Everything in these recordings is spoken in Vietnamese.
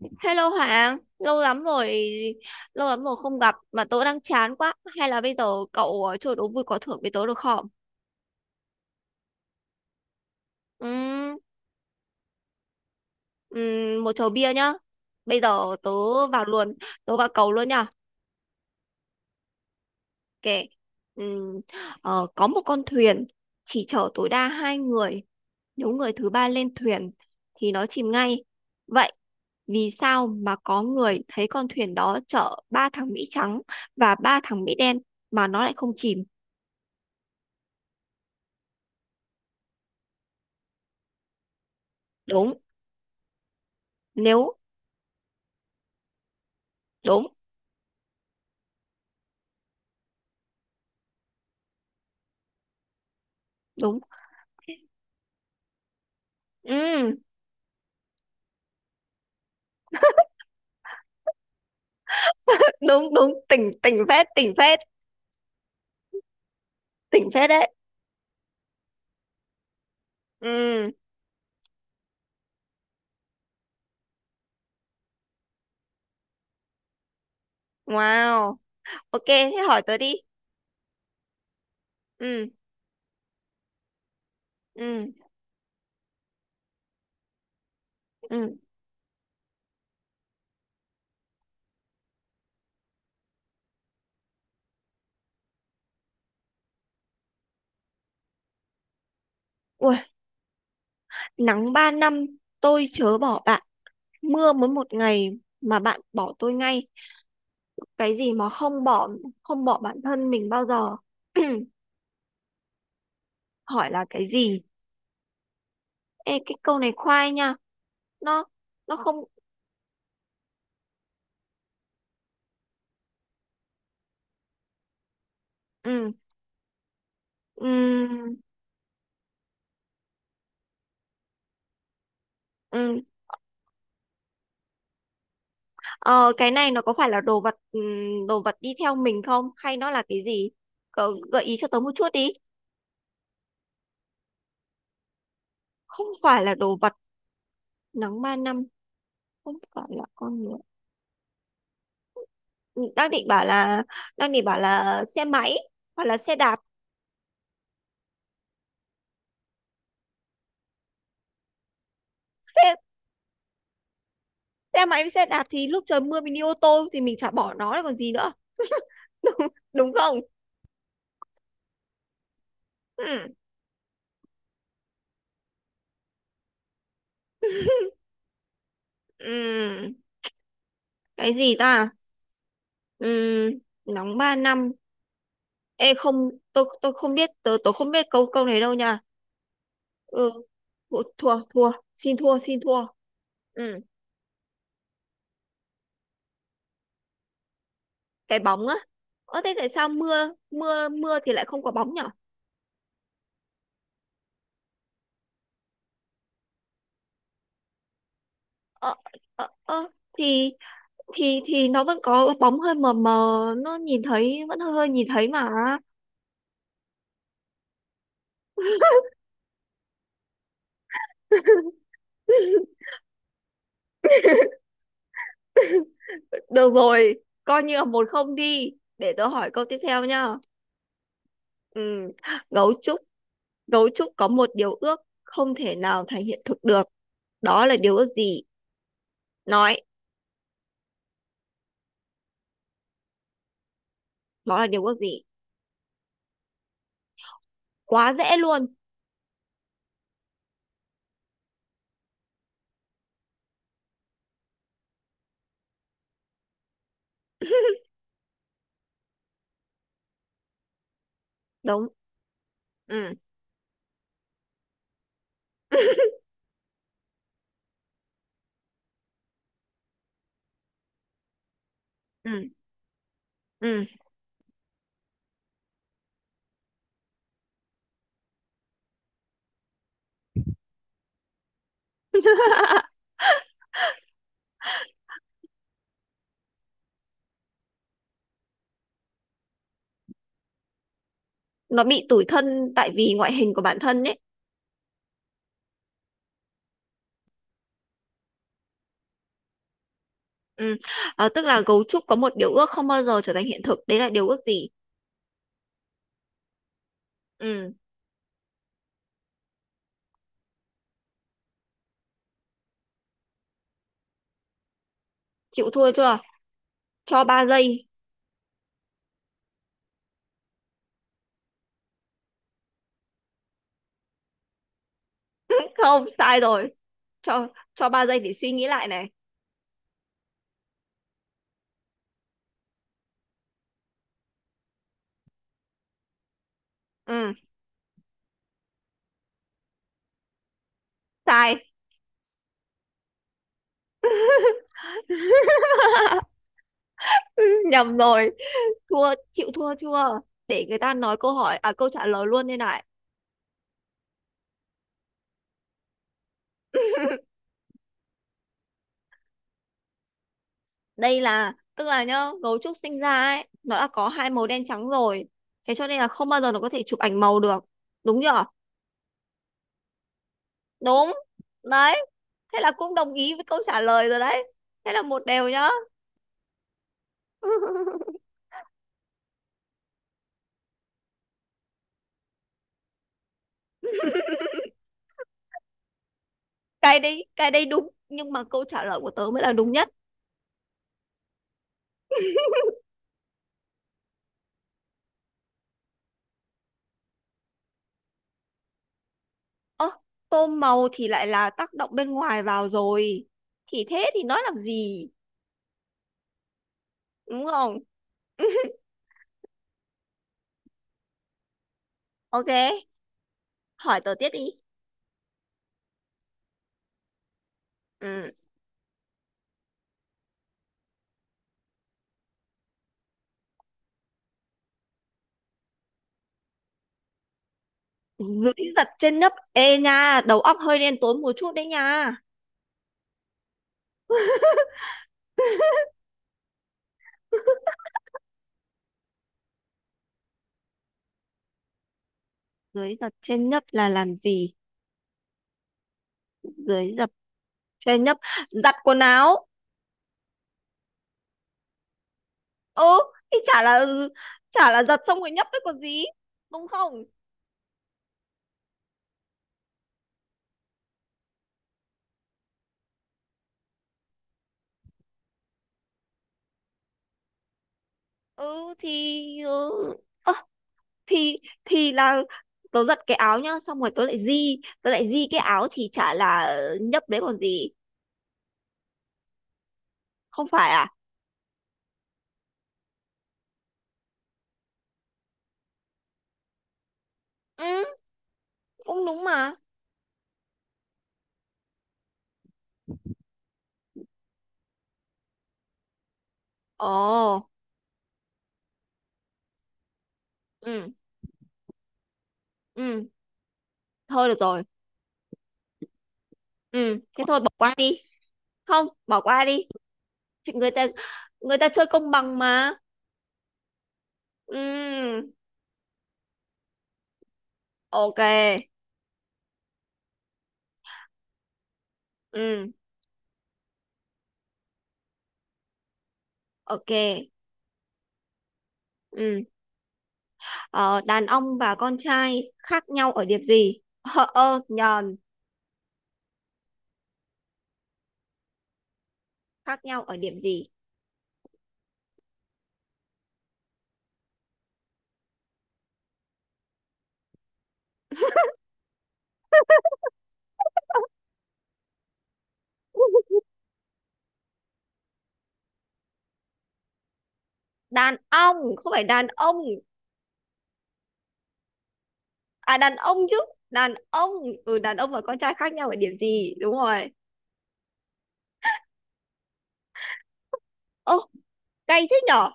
Hello Hoàng, lâu lắm rồi không gặp mà tớ đang chán quá. Hay là bây giờ cậu chơi đố vui có thưởng với tớ được không? Ừm. Một chầu bia nhá. Bây giờ tớ vào luôn, vào cầu luôn nhá. Ok. Ừm, có một con thuyền chỉ chở tối đa hai người. Nếu người thứ ba lên thuyền thì nó chìm ngay. Vậy vì sao mà có người thấy con thuyền đó chở ba thằng Mỹ trắng và ba thằng Mỹ đen mà nó lại không chìm? Đúng. nếu đúng đúng ừ, đúng đúng tỉnh tỉnh phết tỉnh phết tỉnh phết đấy, ừ, wow, ok, thế hỏi tớ đi. Ừ, ừ, ừ, ui, nắng 3 năm tôi chớ bỏ bạn, mưa mới một ngày mà bạn bỏ tôi ngay, cái gì mà không bỏ, không bỏ bản thân mình bao giờ. Hỏi là cái gì? Ê, cái câu này khoai nha, nó không. Ừ, ừ, ừ. Ờ, cái này nó có phải là đồ vật, đồ vật đi theo mình không, hay nó là cái gì? Cậu gợi ý cho tớ một chút đi. Không phải là đồ vật. Nắng 3 năm, không phải là con người. Ừ, đang định bảo là xe máy hoặc là xe đạp. Xe xe máy với xe đạp thì lúc trời mưa mình đi ô tô thì mình chả bỏ nó rồi còn gì nữa. Đúng, đúng không? Ừ, ừ. Cái gì ta? Ừ, nóng 3 năm. Ê không, tôi không biết, tôi không biết câu câu này đâu nha. Ừ. Ủa, thua, thua, xin thua, xin thua. Ừ, cái bóng á? Ơ thế tại sao mưa mưa mưa thì lại không có bóng nhở? Ờ, ờ, ờ, thì thì nó vẫn có bóng hơi mờ mờ, nó nhìn thấy vẫn hơi hơi nhìn thấy mà. Được rồi, coi như là một không đi, để tớ hỏi câu tiếp theo nhá. Ừ, gấu trúc gấu trúc có một điều ước không thể nào thành hiện thực được, đó là điều ước gì? Nói đó là điều ước gì. Quá dễ luôn. Đúng. Ừ. Ừ, ừ. Nó bị tủi thân tại vì ngoại hình của bản thân ấy. Ừ. Ờ, tức là gấu trúc có một điều ước không bao giờ trở thành hiện thực, đấy là điều ước gì? Ừ, chịu thua chưa? Cho 3 giây. Không, sai rồi. cho cho 3 giây để suy nghĩ lại này. Ừ, sai. Ừ, nhầm rồi. Thua, chịu thua chưa? Để người ta nói câu hỏi, à, câu trả lời luôn đây này. Đây là, tức là nhá, gấu trúc sinh ra ấy nó đã có hai màu đen trắng rồi, thế cho nên là không bao giờ nó có thể chụp ảnh màu được, đúng chưa? Đúng. Đấy, thế là cũng đồng ý với câu trả lời rồi đấy, thế là một đều nhá. Cái đấy đúng, nhưng mà câu trả lời của tớ mới là đúng nhất. Ơ, tôm màu thì lại là tác động bên ngoài vào rồi, thì thế thì nói làm gì, đúng không? Ok, hỏi tớ tiếp đi. Ừ. Dưới giật trên nấc, ê nha, đầu óc hơi đen tối một chút đấy nha. Dưới giật trên nấc là làm gì? Dưới giật trên nấc, giặt quần áo. Ừ, thì chả là giặt xong rồi nhấp đấy còn gì, đúng không? Ừ, thì, ơ, thì là tớ giặt cái áo nhá xong rồi tớ lại di cái áo thì chả là nhấp đấy còn gì, không phải à? Ừ, cũng đúng mà. Ồ. Ừ, ừ, thôi được rồi. Ừ, thế thôi bỏ qua đi, không bỏ qua đi. Chị- người ta người ta chơi công bằng mà. Ừ, ok. Ừ, ok. Ừ. Ờ, đàn ông và con trai khác nhau ở điểm gì? Nhờn, khác nhau ở điểm gì? Đàn ông, không phải đàn ông. À, đàn ông chứ. Đàn ông. Ừ, đàn ông và con trai khác nhau ở điểm gì? Đúng rồi. Ô, cay thế nhở?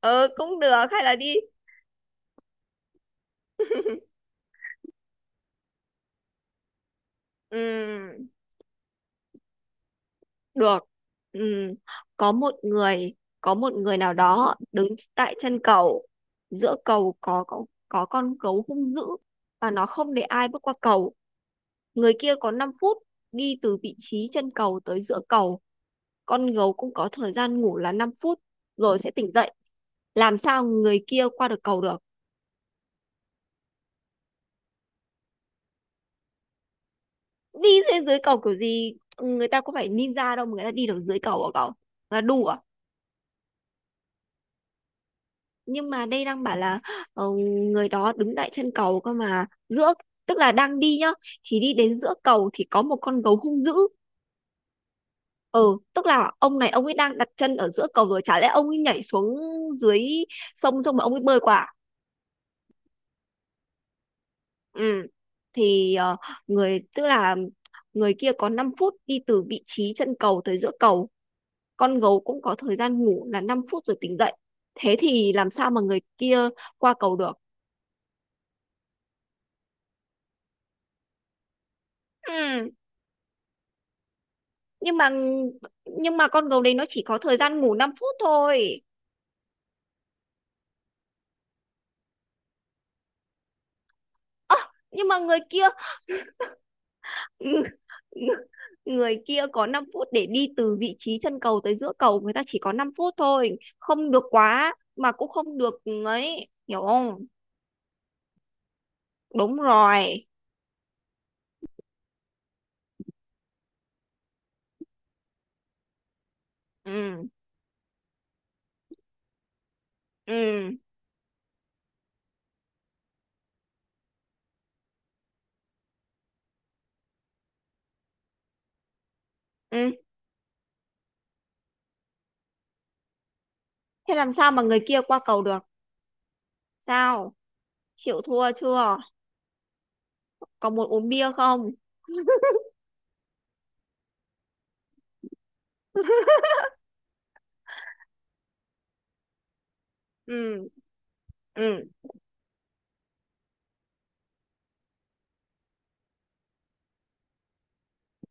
Ờ, cũng được, hay là đi. Ừ, được. Ừ, có một người, có một người nào đó đứng tại chân cầu. Giữa cầu có con gấu hung dữ. Và nó không để ai bước qua cầu. Người kia có 5 phút đi từ vị trí chân cầu tới giữa cầu. Con gấu cũng có thời gian ngủ là 5 phút rồi sẽ tỉnh dậy. Làm sao người kia qua được cầu được? Đi lên dưới cầu kiểu gì? Người ta có phải ninja đâu mà người ta đi được dưới cầu hả cậu? Là đủ à? Nhưng mà đây đang bảo là, ờ, người đó đứng tại chân cầu cơ mà giữa, tức là đang đi nhá, thì đi đến giữa cầu thì có một con gấu hung dữ. Ừ, tức là ông này, ông ấy đang đặt chân ở giữa cầu rồi, chả lẽ ông ấy nhảy xuống dưới sông xong mà ông ấy bơi qua à? Ừ. Thì, ờ, người tức là người kia có 5 phút đi từ vị trí chân cầu tới giữa cầu, con gấu cũng có thời gian ngủ là 5 phút rồi tỉnh dậy. Thế thì làm sao mà người kia qua cầu được? Ừ. Nhưng mà, nhưng mà con gấu đấy nó chỉ có thời gian ngủ 5 phút thôi. Ơ, nhưng mà người kia người kia có 5 phút để đi từ vị trí chân cầu tới giữa cầu, người ta chỉ có 5 phút thôi, không được quá mà cũng không được ấy, hiểu không? Đúng rồi. Ừ, ừ, ừ, thế làm sao mà người kia qua cầu được? Sao, chịu thua chưa? Có muốn uống bia không? Ừ, ừ,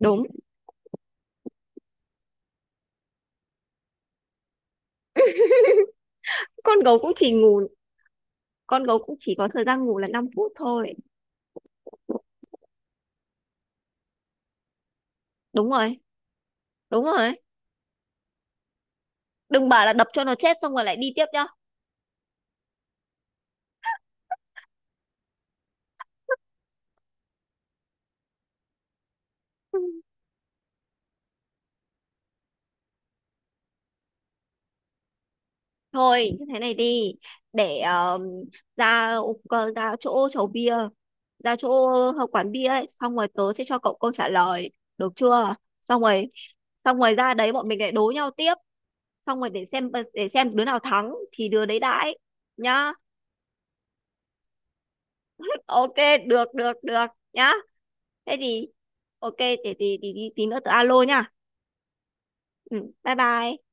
đúng. con gấu cũng chỉ ngủ con gấu cũng chỉ có thời gian ngủ là 5 phút thôi. Đúng rồi, đúng rồi đấy. Đừng bảo là đập cho nó chết xong rồi lại đi tiếp nhá. Thôi như thế này đi, để, ra ra chỗ chầu bia, ra chỗ quán bia ấy, xong rồi tớ sẽ cho cậu câu trả lời, được chưa? Xong rồi, xong rồi ra đấy bọn mình lại đố nhau tiếp, xong rồi để xem đứa nào thắng thì đứa đấy đãi nhá. Ok, được được được, nhá. Thế thì, ok, để thì tí nữa tớ alo nhá. Ừ, bye bye.